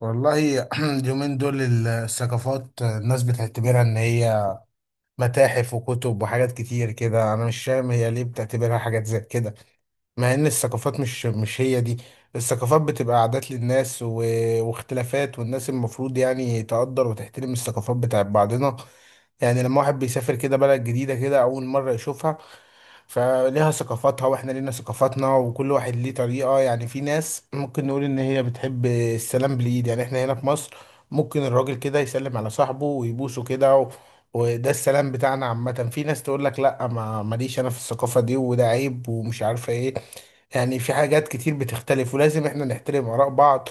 والله، اليومين دول الثقافات الناس بتعتبرها ان هي متاحف وكتب وحاجات كتير كده. انا مش فاهم هي ليه بتعتبرها حاجات زي كده، مع ان الثقافات مش هي دي. الثقافات بتبقى عادات للناس واختلافات، والناس المفروض يعني تقدر وتحترم الثقافات بتاعت بعضنا. يعني لما واحد بيسافر كده بلد جديدة كده أول مرة يشوفها، فليها ثقافاتها واحنا لينا ثقافاتنا وكل واحد ليه طريقة. يعني في ناس ممكن نقول ان هي بتحب السلام باليد، يعني احنا هنا في مصر ممكن الراجل كده يسلم على صاحبه ويبوسه كده، وده السلام بتاعنا. عامة في ناس تقول لك لا، ما ماليش انا في الثقافة دي، وده عيب ومش عارفة ايه. يعني في حاجات كتير بتختلف، ولازم احنا نحترم آراء بعض،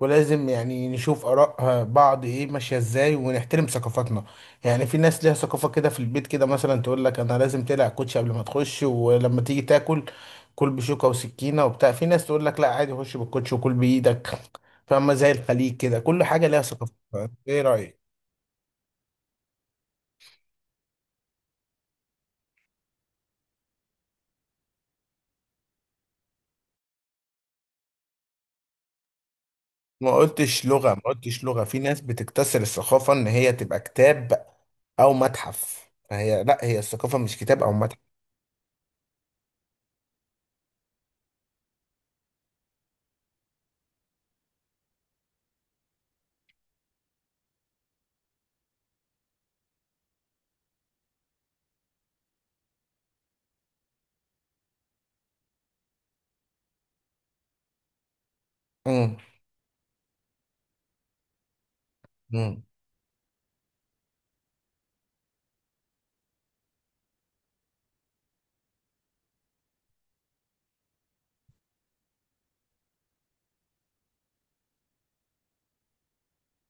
ولازم يعني نشوف آراء بعض ايه ماشية ازاي، ونحترم ثقافاتنا. يعني في ناس ليها ثقافة كده في البيت، كده مثلا تقول لك انا لازم تقلع الكوتشي قبل ما تخش، ولما تيجي تاكل، كل بشوكة وسكينة وبتاع. في ناس تقول لك لا، عادي خش بالكوتشي وكل بإيدك. فاهمة؟ زي الخليج كده، كل حاجة ليها ثقافتها. ايه رأيك؟ ما قلتش لغة. في ناس بتكتسر الثقافة ان هي تبقى كتاب او متحف، فهي لا، هي الثقافة مش كتاب او متحف. امم. امم.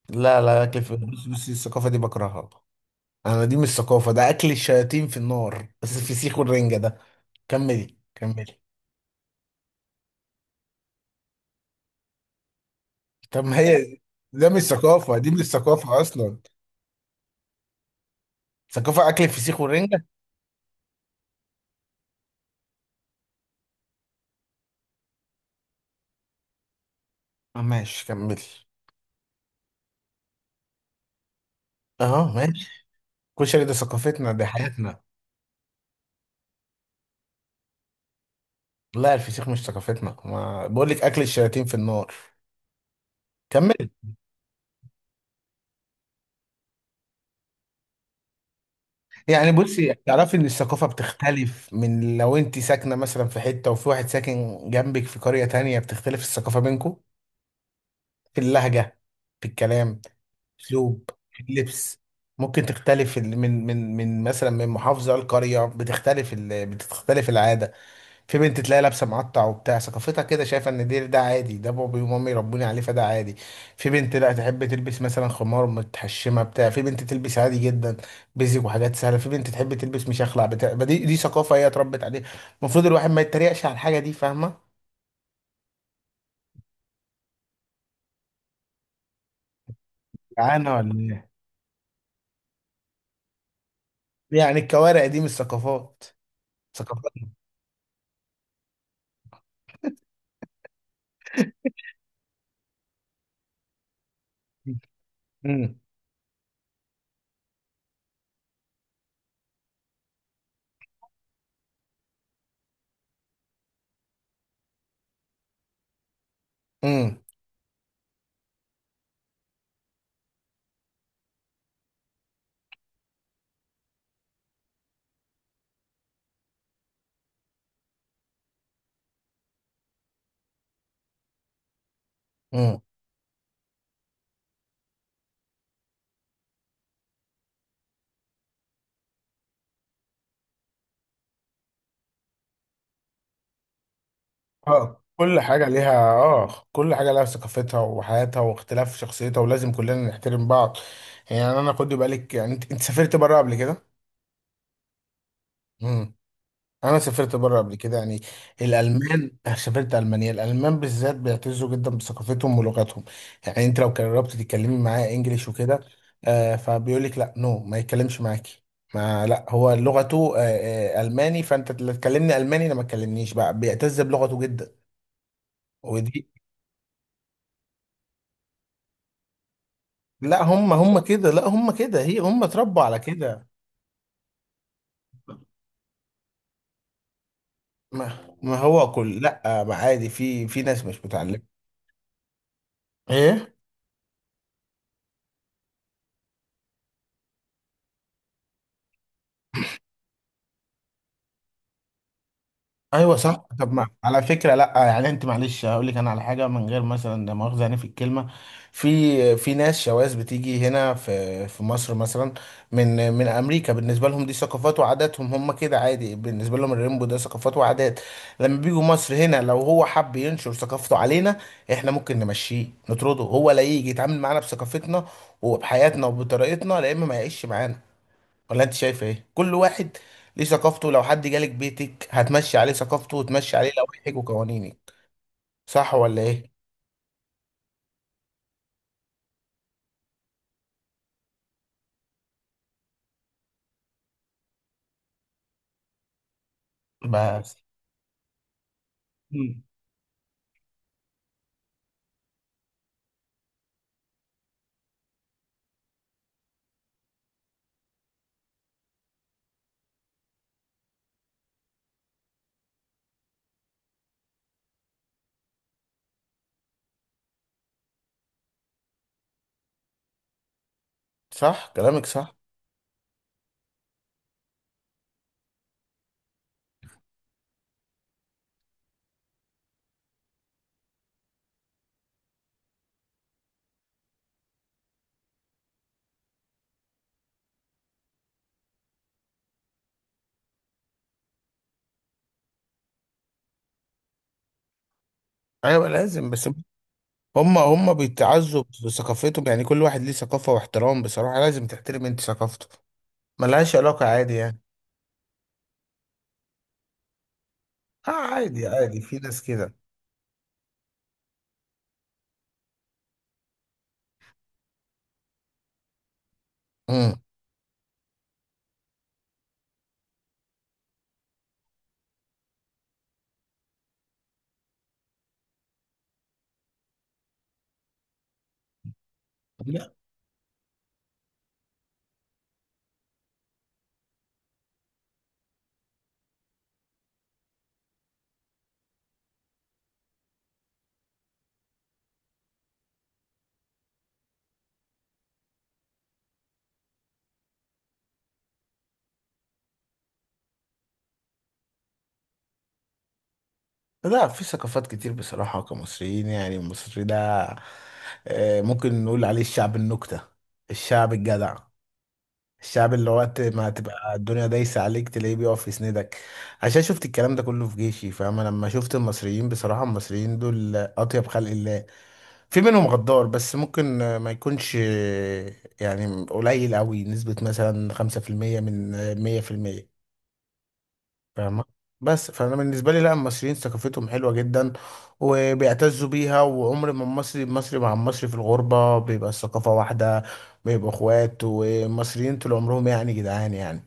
لا، لا، اكل، في، بص بص الثقافه دي بكرهها. انا دي مش ثقافه، ده اكل الشياطين في النار، بس الفسيخ والرنجه ده. كملي، كملي. طب ما هي، ده مش ثقافه، دي مش ثقافه اصلا، ثقافه اكل الفسيخ والرنجه؟ آه، ماشي، كملي. اه، ماشي. الكشري ده ثقافتنا، دي حياتنا. لا، الفسيخ مش ثقافتنا، ما بقول لك اكل الشياطين في النار. كملي. يعني بصي، تعرفي ان الثقافة بتختلف. من لو انت ساكنة مثلا في حتة، وفي واحد ساكن جنبك في قرية تانية، بتختلف الثقافة بينكم، في اللهجة، في الكلام، في الأسلوب، في اللبس. ممكن تختلف من مثلا، من محافظة لقرية بتختلف العادة. في بنت تلاقي لابسه معطع وبتاع، ثقافتها كده شايفه ان ده عادي، ده بابي ومامي ربوني عليه فده عادي. في بنت لا تحب تلبس مثلا خمار متحشمه بتاع، في بنت تلبس عادي جدا بيزك وحاجات سهله، في بنت تحب تلبس مشخلع بتاع. ما دي ثقافه هي اتربت عليها. المفروض الواحد ما يتريقش على الحاجه دي. فاهمه؟ جعانة ولا ايه؟ يعني الكوارع دي مش ثقافات. ثقافات. امم. امم. اه، كل حاجة ليها ثقافتها وحياتها واختلاف شخصيتها، ولازم كلنا نحترم بعض. يعني انا، خدي بالك، يعني انت سافرت بره قبل كده؟ امم. انا سافرت بره قبل كده، يعني الالمان، سافرت المانيا، الالمان بالذات بيعتزوا جدا بثقافتهم ولغتهم. يعني انت لو قربت تتكلمي معاه انجليش وكده، فبيقول لك لا، نو، ما يتكلمش معاكي. ما، لا، هو لغته الماني، فانت لا تكلمني الماني، لا ما تكلمنيش، بقى بيعتز بلغته جدا. ودي... لا هم كده، لا هم كده، هم اتربوا على كده. ما هو كل، لا ما عادي، في ناس مش متعلمة. ايه. ايوه صح. طب ما على فكره، لا يعني انت معلش هقول لك انا على حاجه من غير مثلا، ده مؤاخذه يعني في الكلمه. في ناس شواذ بتيجي هنا في مصر مثلا، من امريكا. بالنسبه لهم دي ثقافات وعاداتهم، هم كده عادي، بالنسبه لهم الريمبو ده ثقافات وعادات. لما بيجوا مصر هنا، لو هو حب ينشر ثقافته علينا، احنا ممكن نمشيه نطرده. هو لا، يجي يتعامل معانا بثقافتنا وبحياتنا وبطريقتنا، لا. اما ما يعيش معانا، ولا انت شايفه ايه؟ كل واحد ليه ثقافته. لو حد جالك بيتك هتمشي عليه ثقافته، وتمشي عليه لوائحك وقوانينك. صح ولا ايه؟ بس. مم. صح، كلامك صح. ايوه لازم. بس هم بيتعزوا بثقافتهم، يعني كل واحد ليه ثقافة واحترام، بصراحة لازم تحترم انت ثقافته، ملهاش علاقة، عادي يعني. اه، عادي عادي، في ناس كده. امم. لا، لا، في ثقافات كتير بصراحة كمصريين. يعني المصري ده، آه، ممكن نقول عليه الشعب النكتة، الشعب الجدع، الشعب اللي وقت ما تبقى الدنيا دايسة عليك تلاقيه بيقف يسندك. عشان شفت الكلام ده كله في جيشي، فاهم؟ أنا لما شفت المصريين بصراحة، المصريين دول أطيب خلق الله. في منهم غدار بس، ممكن، ما يكونش، يعني قليل أوي، نسبة مثلا 5% من 100%. فاهمة؟ بس فأنا بالنسبة لي لا، المصريين ثقافتهم حلوة جدا وبيعتزوا بيها، وعمر ما المصري مع المصري في الغربة، بيبقى الثقافة واحدة، بيبقوا اخوات ومصريين طول عمرهم، يعني جدعان يعني.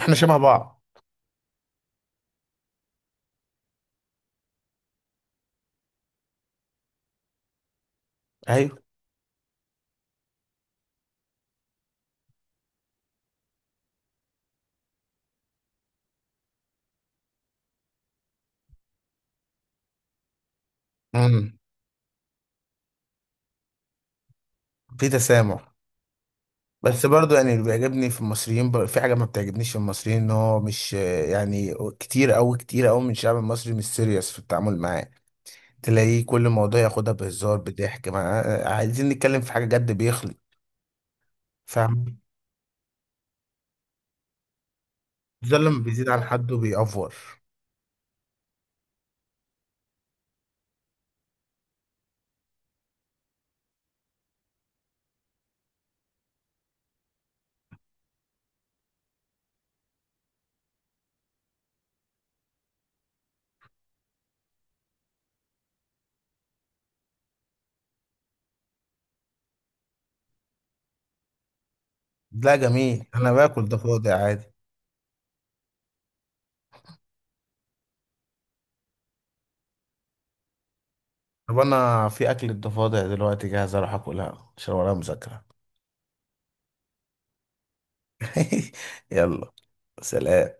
احنا شبه بعض. ايوه. امم. في تسامح. بس برضو، يعني اللي بيعجبني في المصريين، في حاجة ما بتعجبنيش في المصريين، ان هو مش يعني، كتير أوي كتير أوي من الشعب المصري مش سيريس في التعامل معاه. تلاقيه كل موضوع ياخدها بهزار بضحك، ما عايزين نتكلم في حاجة جد بيخلق. فاهم؟ ده لما بيزيد عن حده بيأفور. لا جميل، انا باكل ضفادع عادي. طب انا في اكل الضفادع دلوقتي جاهز اروح اكلها عشان ورايا مذاكرة. يلا، سلام.